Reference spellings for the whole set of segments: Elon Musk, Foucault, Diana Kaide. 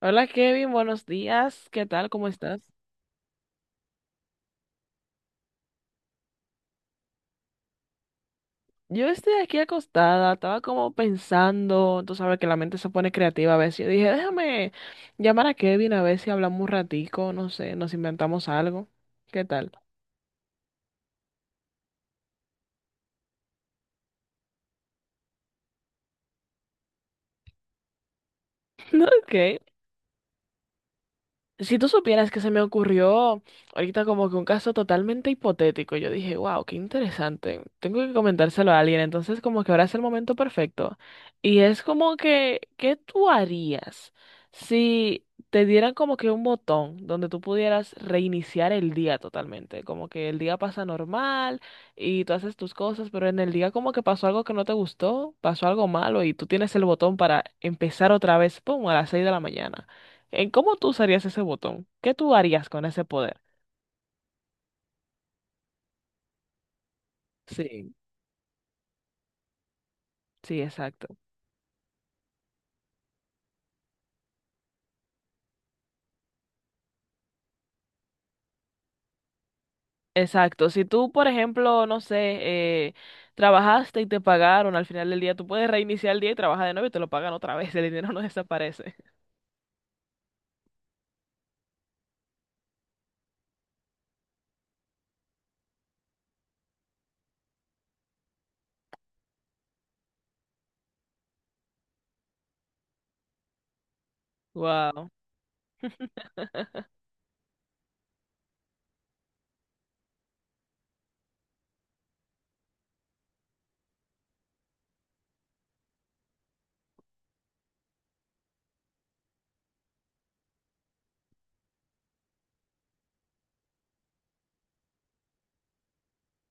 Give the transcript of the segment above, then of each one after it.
Hola Kevin, buenos días. ¿Qué tal? ¿Cómo estás? Yo estoy aquí acostada, estaba como pensando, tú sabes que la mente se pone creativa a veces. Yo dije, déjame llamar a Kevin a ver si hablamos un ratico, no sé, nos inventamos algo. ¿Qué tal? Ok, si tú supieras que se me ocurrió ahorita como que un caso totalmente hipotético, yo dije, wow, qué interesante, tengo que comentárselo a alguien, entonces como que ahora es el momento perfecto. Y es como que, ¿qué tú harías si te dieran como que un botón donde tú pudieras reiniciar el día totalmente? Como que el día pasa normal y tú haces tus cosas, pero en el día como que pasó algo que no te gustó, pasó algo malo y tú tienes el botón para empezar otra vez, pum, a las 6 de la mañana. ¿En cómo tú usarías ese botón? ¿Qué tú harías con ese poder? Sí. Sí, exacto. Exacto. Si tú, por ejemplo, no sé, eh, trabajaste y te pagaron al final del día, tú puedes reiniciar el día y trabajar de nuevo y te lo pagan otra vez. El dinero no desaparece. Wow.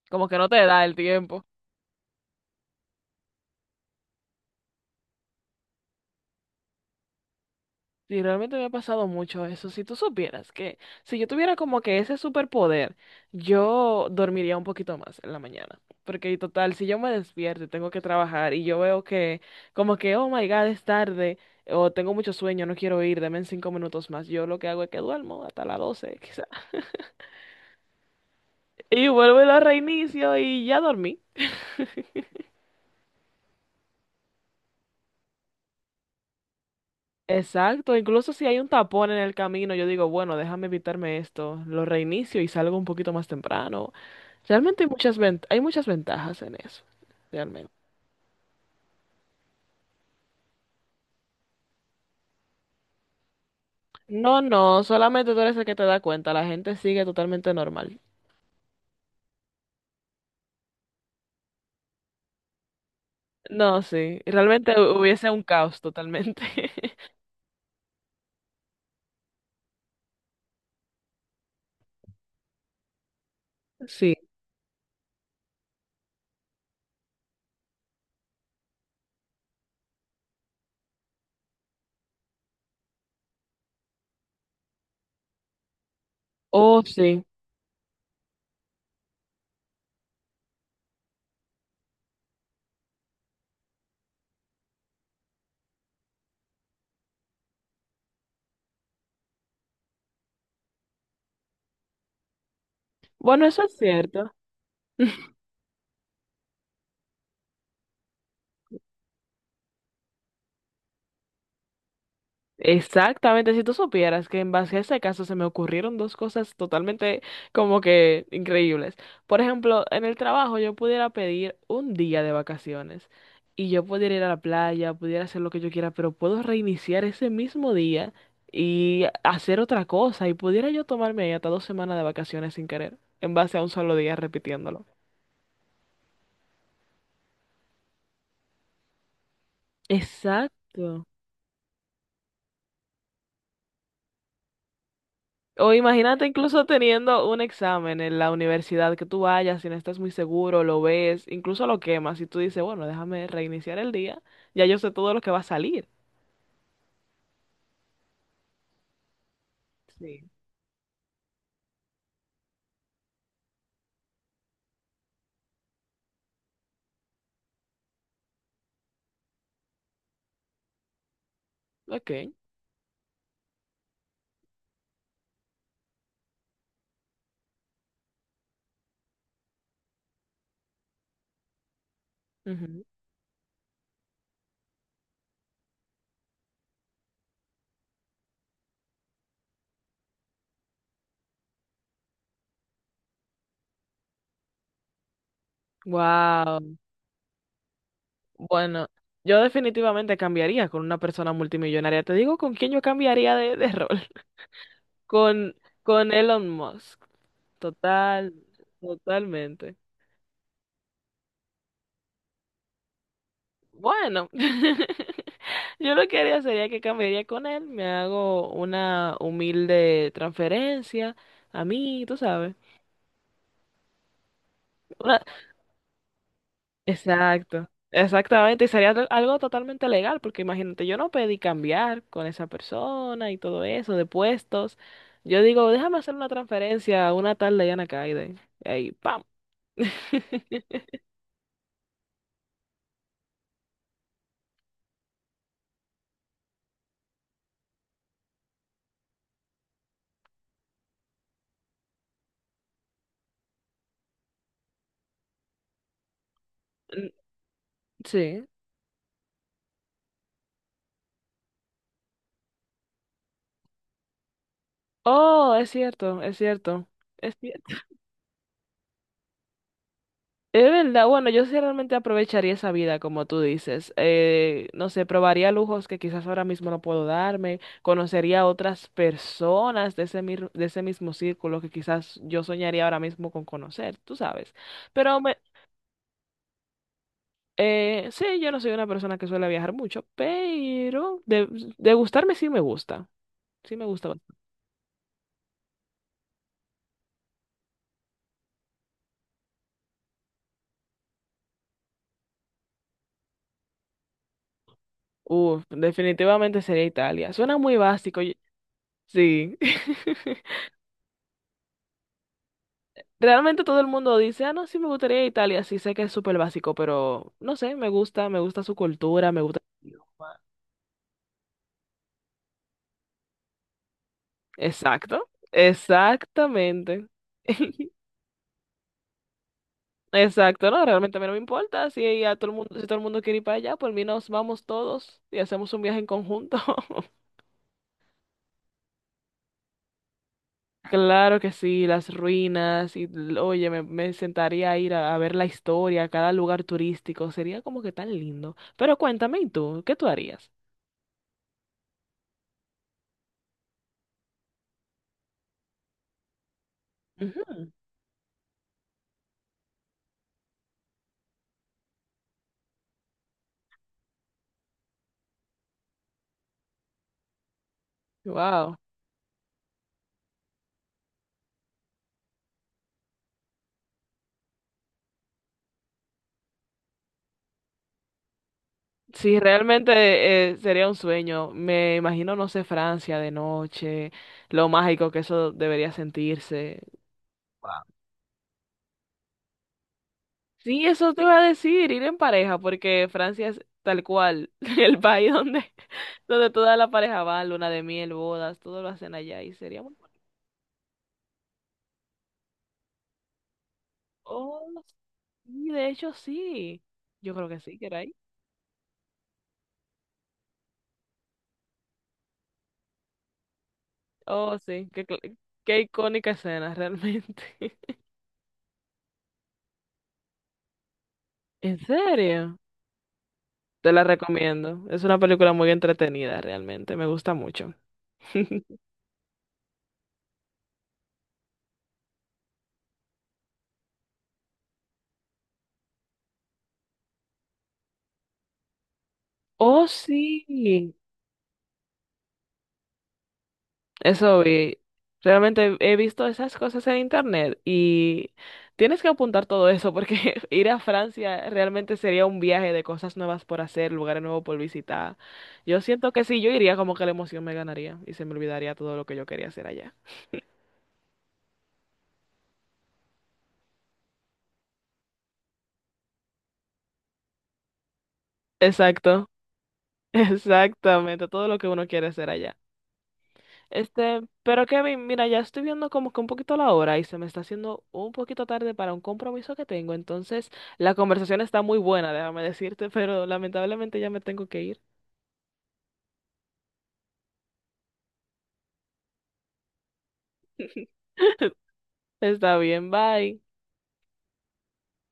Como que no te da el tiempo. Sí, realmente me ha pasado mucho eso. Si tú supieras que si yo tuviera como que ese superpoder, yo dormiría un poquito más en la mañana. Porque y total, si yo me despierto y tengo que trabajar y yo veo que como que, oh my God, es tarde o tengo mucho sueño, no quiero ir, denme 5 minutos más. Yo lo que hago es que duermo hasta las 12 quizás. Y vuelvo y lo reinicio y ya dormí. Exacto, incluso si hay un tapón en el camino, yo digo, bueno, déjame evitarme esto, lo reinicio y salgo un poquito más temprano. Realmente hay hay muchas ventajas en eso, realmente. No, no, solamente tú eres el que te da cuenta, la gente sigue totalmente normal. No, sí, realmente hubiese un caos totalmente. Sí, oh, sí. Bueno, eso es cierto. Exactamente, si tú supieras que en base a ese caso se me ocurrieron dos cosas totalmente como que increíbles. Por ejemplo, en el trabajo yo pudiera pedir un día de vacaciones y yo pudiera ir a la playa, pudiera hacer lo que yo quiera, pero puedo reiniciar ese mismo día y hacer otra cosa y pudiera yo tomarme ahí hasta 2 semanas de vacaciones sin querer, en base a un solo día repitiéndolo. Exacto. O imagínate incluso teniendo un examen en la universidad que tú vayas, si no estás muy seguro, lo ves, incluso lo quemas y tú dices, bueno, déjame reiniciar el día, ya yo sé todo lo que va a salir. Sí. Ok. Wow. Bueno, yo definitivamente cambiaría con una persona multimillonaria. Te digo con quién yo cambiaría de rol. Con, con Elon Musk. Total, totalmente. Bueno. Yo lo que haría sería que cambiaría con él, me hago una humilde transferencia a mí, tú sabes. Una... Exacto, exactamente, y sería algo totalmente legal, porque imagínate, yo no pedí cambiar con esa persona y todo eso, de puestos. Yo digo, déjame hacer una transferencia a una tal Diana Kaide. Y ahí, ¡pam! Mm. Sí. Oh, es cierto, es cierto. Es cier- Es verdad, bueno, yo sí realmente aprovecharía esa vida, como tú dices. No sé, probaría lujos que quizás ahora mismo no puedo darme, conocería a otras personas de ese, de ese mismo círculo que quizás yo soñaría ahora mismo con conocer, tú sabes. Pero me, sí, yo no soy una persona que suele viajar mucho, pero de gustarme sí me gusta. Sí me gusta bastante. Uf, definitivamente sería Italia. Suena muy básico. Sí. Realmente todo el mundo dice, ah, no, sí me gustaría Italia, sí sé que es súper básico, pero no sé, me gusta su cultura, me gusta... Exacto, exactamente. Exacto, no, realmente a mí no me importa, si a todo el mundo, si todo el mundo quiere ir para allá, por mí nos vamos todos y hacemos un viaje en conjunto. Claro que sí, las ruinas, oye, me sentaría a ir a ver la historia, a cada lugar turístico, sería como que tan lindo. Pero cuéntame, ¿y tú? ¿Qué tú harías? Wow. Sí, realmente sería un sueño. Me imagino, no sé, Francia de noche, lo mágico que eso debería sentirse. Sí, eso te iba a decir, ir en pareja, porque Francia es tal cual el país donde, donde toda la pareja va, luna de miel, bodas, todo lo hacen allá y sería muy... bueno. Oh, sí, de hecho sí. Yo creo que sí, que era ahí. Oh, sí, qué, qué icónica escena realmente. ¿En serio? Te la recomiendo. Es una película muy entretenida, realmente. Me gusta mucho. Oh, sí. Eso vi. Realmente he visto esas cosas en internet y tienes que apuntar todo eso porque ir a Francia realmente sería un viaje de cosas nuevas por hacer, lugares nuevos por visitar. Yo siento que si yo iría, como que la emoción me ganaría y se me olvidaría todo lo que yo quería hacer allá. Exacto, exactamente, todo lo que uno quiere hacer allá. Este, pero Kevin, mira, ya estoy viendo como que un poquito la hora y se me está haciendo un poquito tarde para un compromiso que tengo. Entonces, la conversación está muy buena, déjame decirte, pero lamentablemente ya me tengo que ir. Está bien, bye.